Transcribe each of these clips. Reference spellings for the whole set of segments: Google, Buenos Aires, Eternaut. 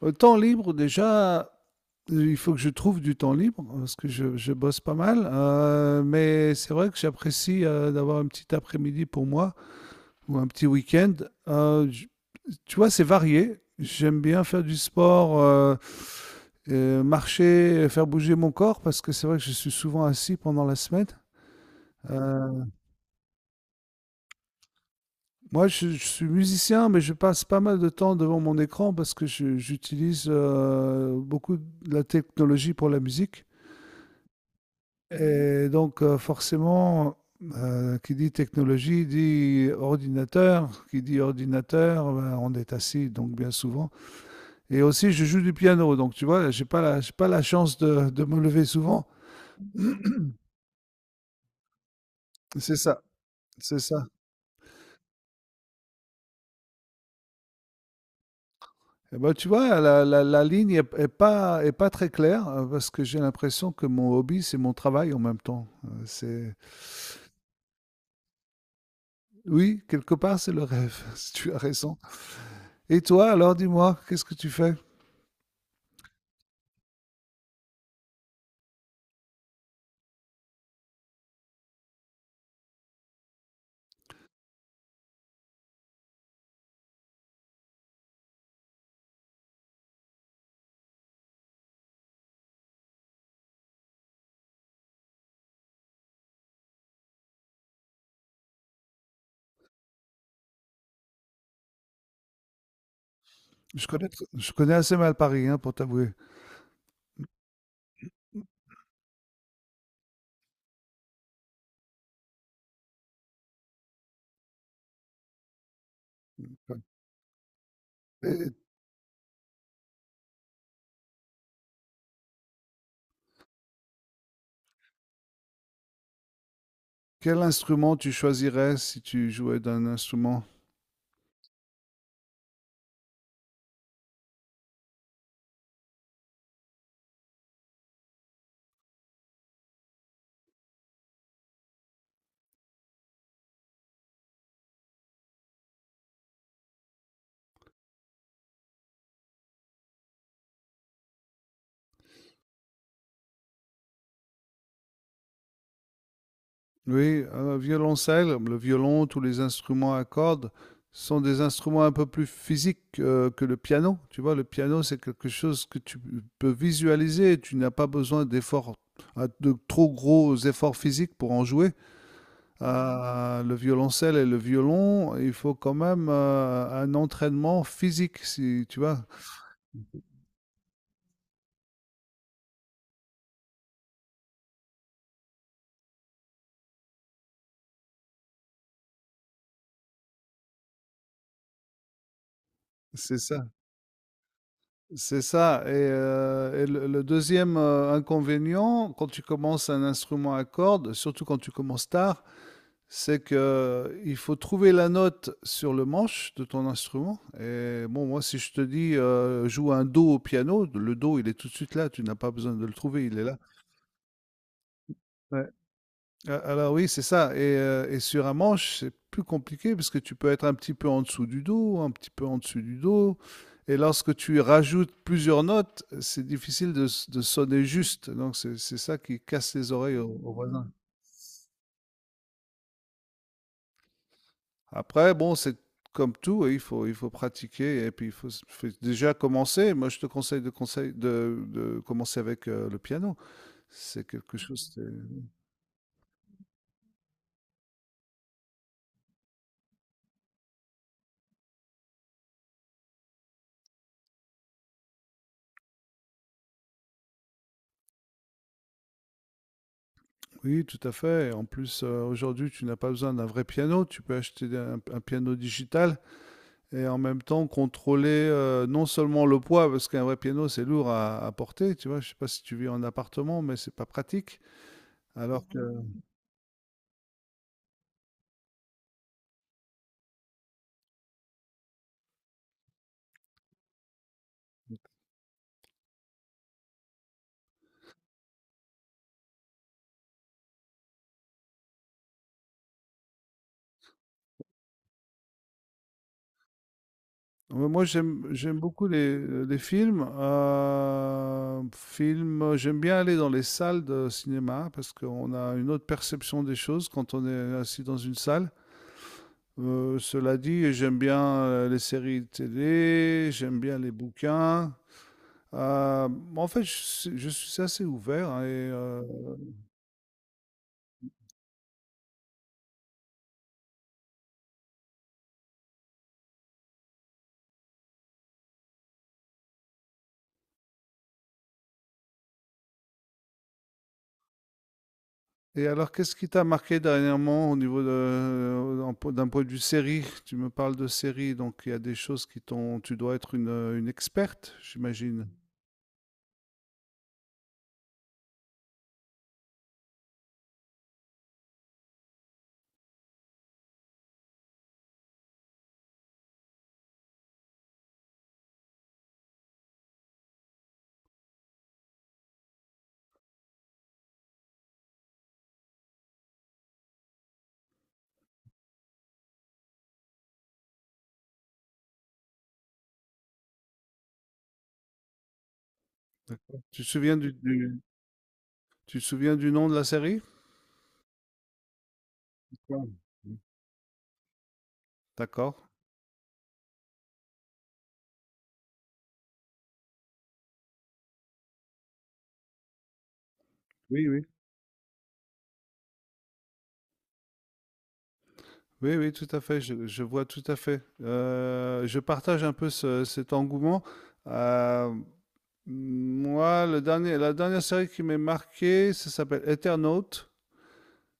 Au temps libre, déjà, il faut que je trouve du temps libre parce que je bosse pas mal. Mais c'est vrai que j'apprécie d'avoir un petit après-midi pour moi ou un petit week-end. Euh, j- Tu vois, c'est varié. J'aime bien faire du sport, marcher, faire bouger mon corps parce que c'est vrai que je suis souvent assis pendant la semaine. Euh, Moi, je suis musicien, mais je passe pas mal de temps devant mon écran parce que j'utilise beaucoup de la technologie pour la musique. Et donc, forcément, qui dit technologie dit ordinateur, qui dit ordinateur, ben, on est assis, donc bien souvent. Et aussi, je joue du piano, donc tu vois, j'ai pas la chance de me lever souvent. C'est ça, c'est ça. Et ben, tu vois, la ligne est pas très claire, parce que j'ai l'impression que mon hobby, c'est mon travail en même temps. Oui, quelque part, c'est le rêve, si tu as raison. Et toi, alors, dis-moi, qu'est-ce que tu fais? Je connais, je connais assez mal Paris, hein, pour t'avouer. Et quel instrument tu choisirais si tu jouais d'un instrument? Oui, violoncelle, le violon, tous les instruments à cordes sont des instruments un peu plus physiques que le piano. Tu vois, le piano, c'est quelque chose que tu peux visualiser. Tu n'as pas besoin d'efforts, de trop gros efforts physiques pour en jouer. Le violoncelle et le violon, il faut quand même un entraînement physique, si tu vois. C'est ça. C'est ça. Et le 2e, inconvénient, quand tu commences un instrument à cordes, surtout quand tu commences tard, c'est que il faut trouver la note sur le manche de ton instrument et bon, moi, si je te dis, «Joue un do au piano», le do, il est tout de suite là, tu n'as pas besoin de le trouver, il est là. Ouais. Ah, alors oui, c'est ça. Et sur un manche, c'est plus compliqué parce que tu peux être un petit peu en dessous du dos, un petit peu en dessous du dos. Et lorsque tu rajoutes plusieurs notes, c'est difficile de sonner juste. Donc c'est ça qui casse les oreilles aux, aux voisins. Après, bon, c'est comme tout, oui, il faut pratiquer et puis faut déjà commencer. Moi, je te conseille de commencer avec le piano. C'est quelque chose. Oui, tout à fait. Et en plus, aujourd'hui, tu n'as pas besoin d'un vrai piano. Tu peux acheter un piano digital et en même temps contrôler non seulement le poids, parce qu'un vrai piano, c'est lourd à porter. Tu vois, je sais pas si tu vis en appartement, mais c'est pas pratique. Alors que mhm. Ouais, moi, j'aime beaucoup les films. Films, j'aime bien aller dans les salles de cinéma parce qu'on a une autre perception des choses quand on est assis dans une salle. Cela dit, j'aime bien les séries télé, j'aime bien les bouquins. Euh, En fait, je suis assez ouvert, hein, et alors, qu'est-ce qui t'a marqué dernièrement au niveau de, d'un point de vue série? Tu me parles de série, donc il y a des choses qui t'ont. Tu dois être une experte, j'imagine. D'accord. Tu te souviens du nom de la série? Non. D'accord. Oui, oui. Oui, oui, tout à fait, je- vois tout à fait. Je partage un peu cet engouement. Euh, Moi, le dernier, la dernière série qui m'est marquée, ça s'appelle Eternaut.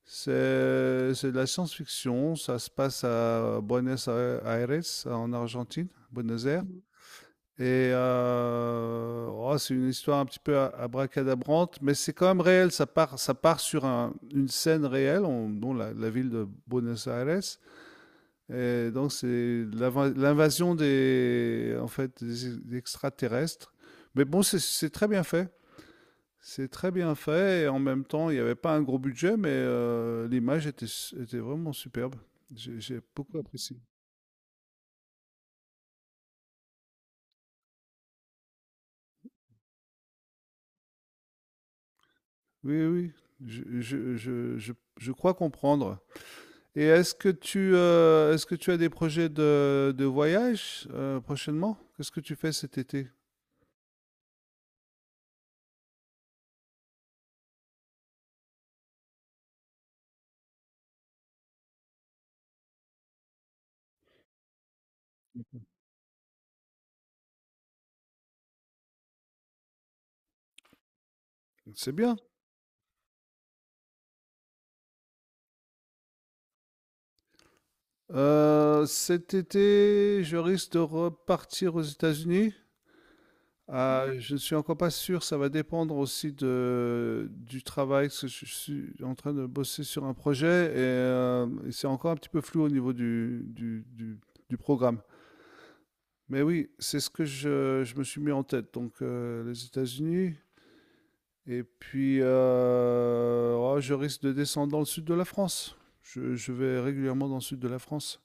C'est de la science-fiction. Ça se passe à Buenos Aires, en Argentine, Buenos Aires. Mhm. Et c'est une histoire un petit peu abracadabrante, mais c'est quand même réel. Ça part sur une scène réelle, dont la ville de Buenos Aires. Et donc c'est l'invasion des, en fait, des extraterrestres. Mais bon, c'est très bien fait. C'est très bien fait et en même temps, il n'y avait pas un gros budget, mais l'image était, était vraiment superbe. J'ai beaucoup apprécié. Oui, oui, je crois comprendre. Et est-ce que est-ce que tu as des projets de voyage prochainement? Qu'est-ce que tu fais cet été? C'est bien. Cet été, je risque de repartir aux États-Unis. Ah, mmh, je ne suis encore pas sûr, ça va dépendre aussi de du travail, parce que je suis en train de bosser sur un projet et c'est encore un petit peu flou au niveau du programme. Mais oui, c'est ce que je me suis mis en tête, donc les États-Unis et puis, je risque de descendre dans le sud de la France. Je vais régulièrement dans le sud de la France.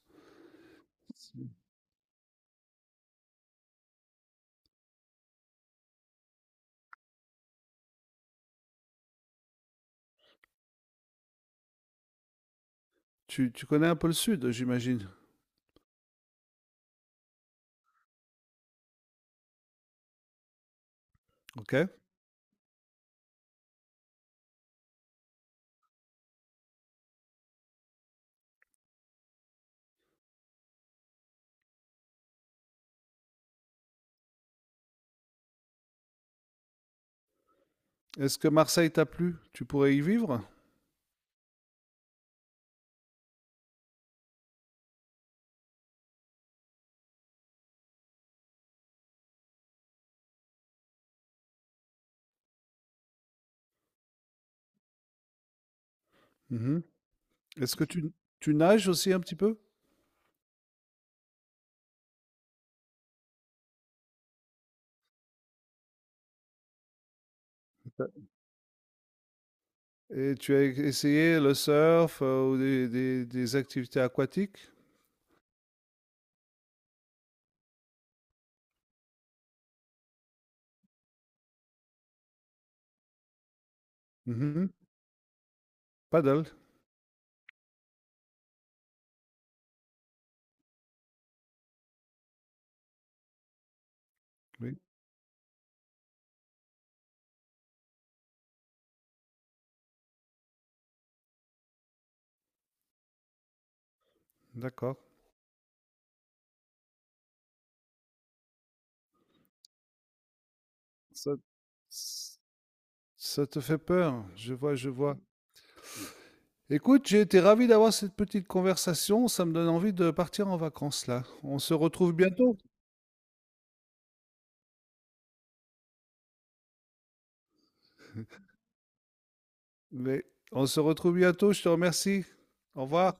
Tu connais un peu le sud, j'imagine? OK. Est-ce que Marseille t'a plu? Tu pourrais y vivre? Mhm. Est-ce que tu nages aussi un petit peu? Ça- et tu as essayé le surf ou des activités aquatiques? Mhm. Paddle, oui, d'accord. Ça, s- Ça te fait peur, je vois, je vois. Écoute, j'ai été ravi d'avoir cette petite conversation. Ça me donne envie de partir en vacances là. On se retrouve bientôt. Mais on se retrouve bientôt. Je te remercie. Au revoir.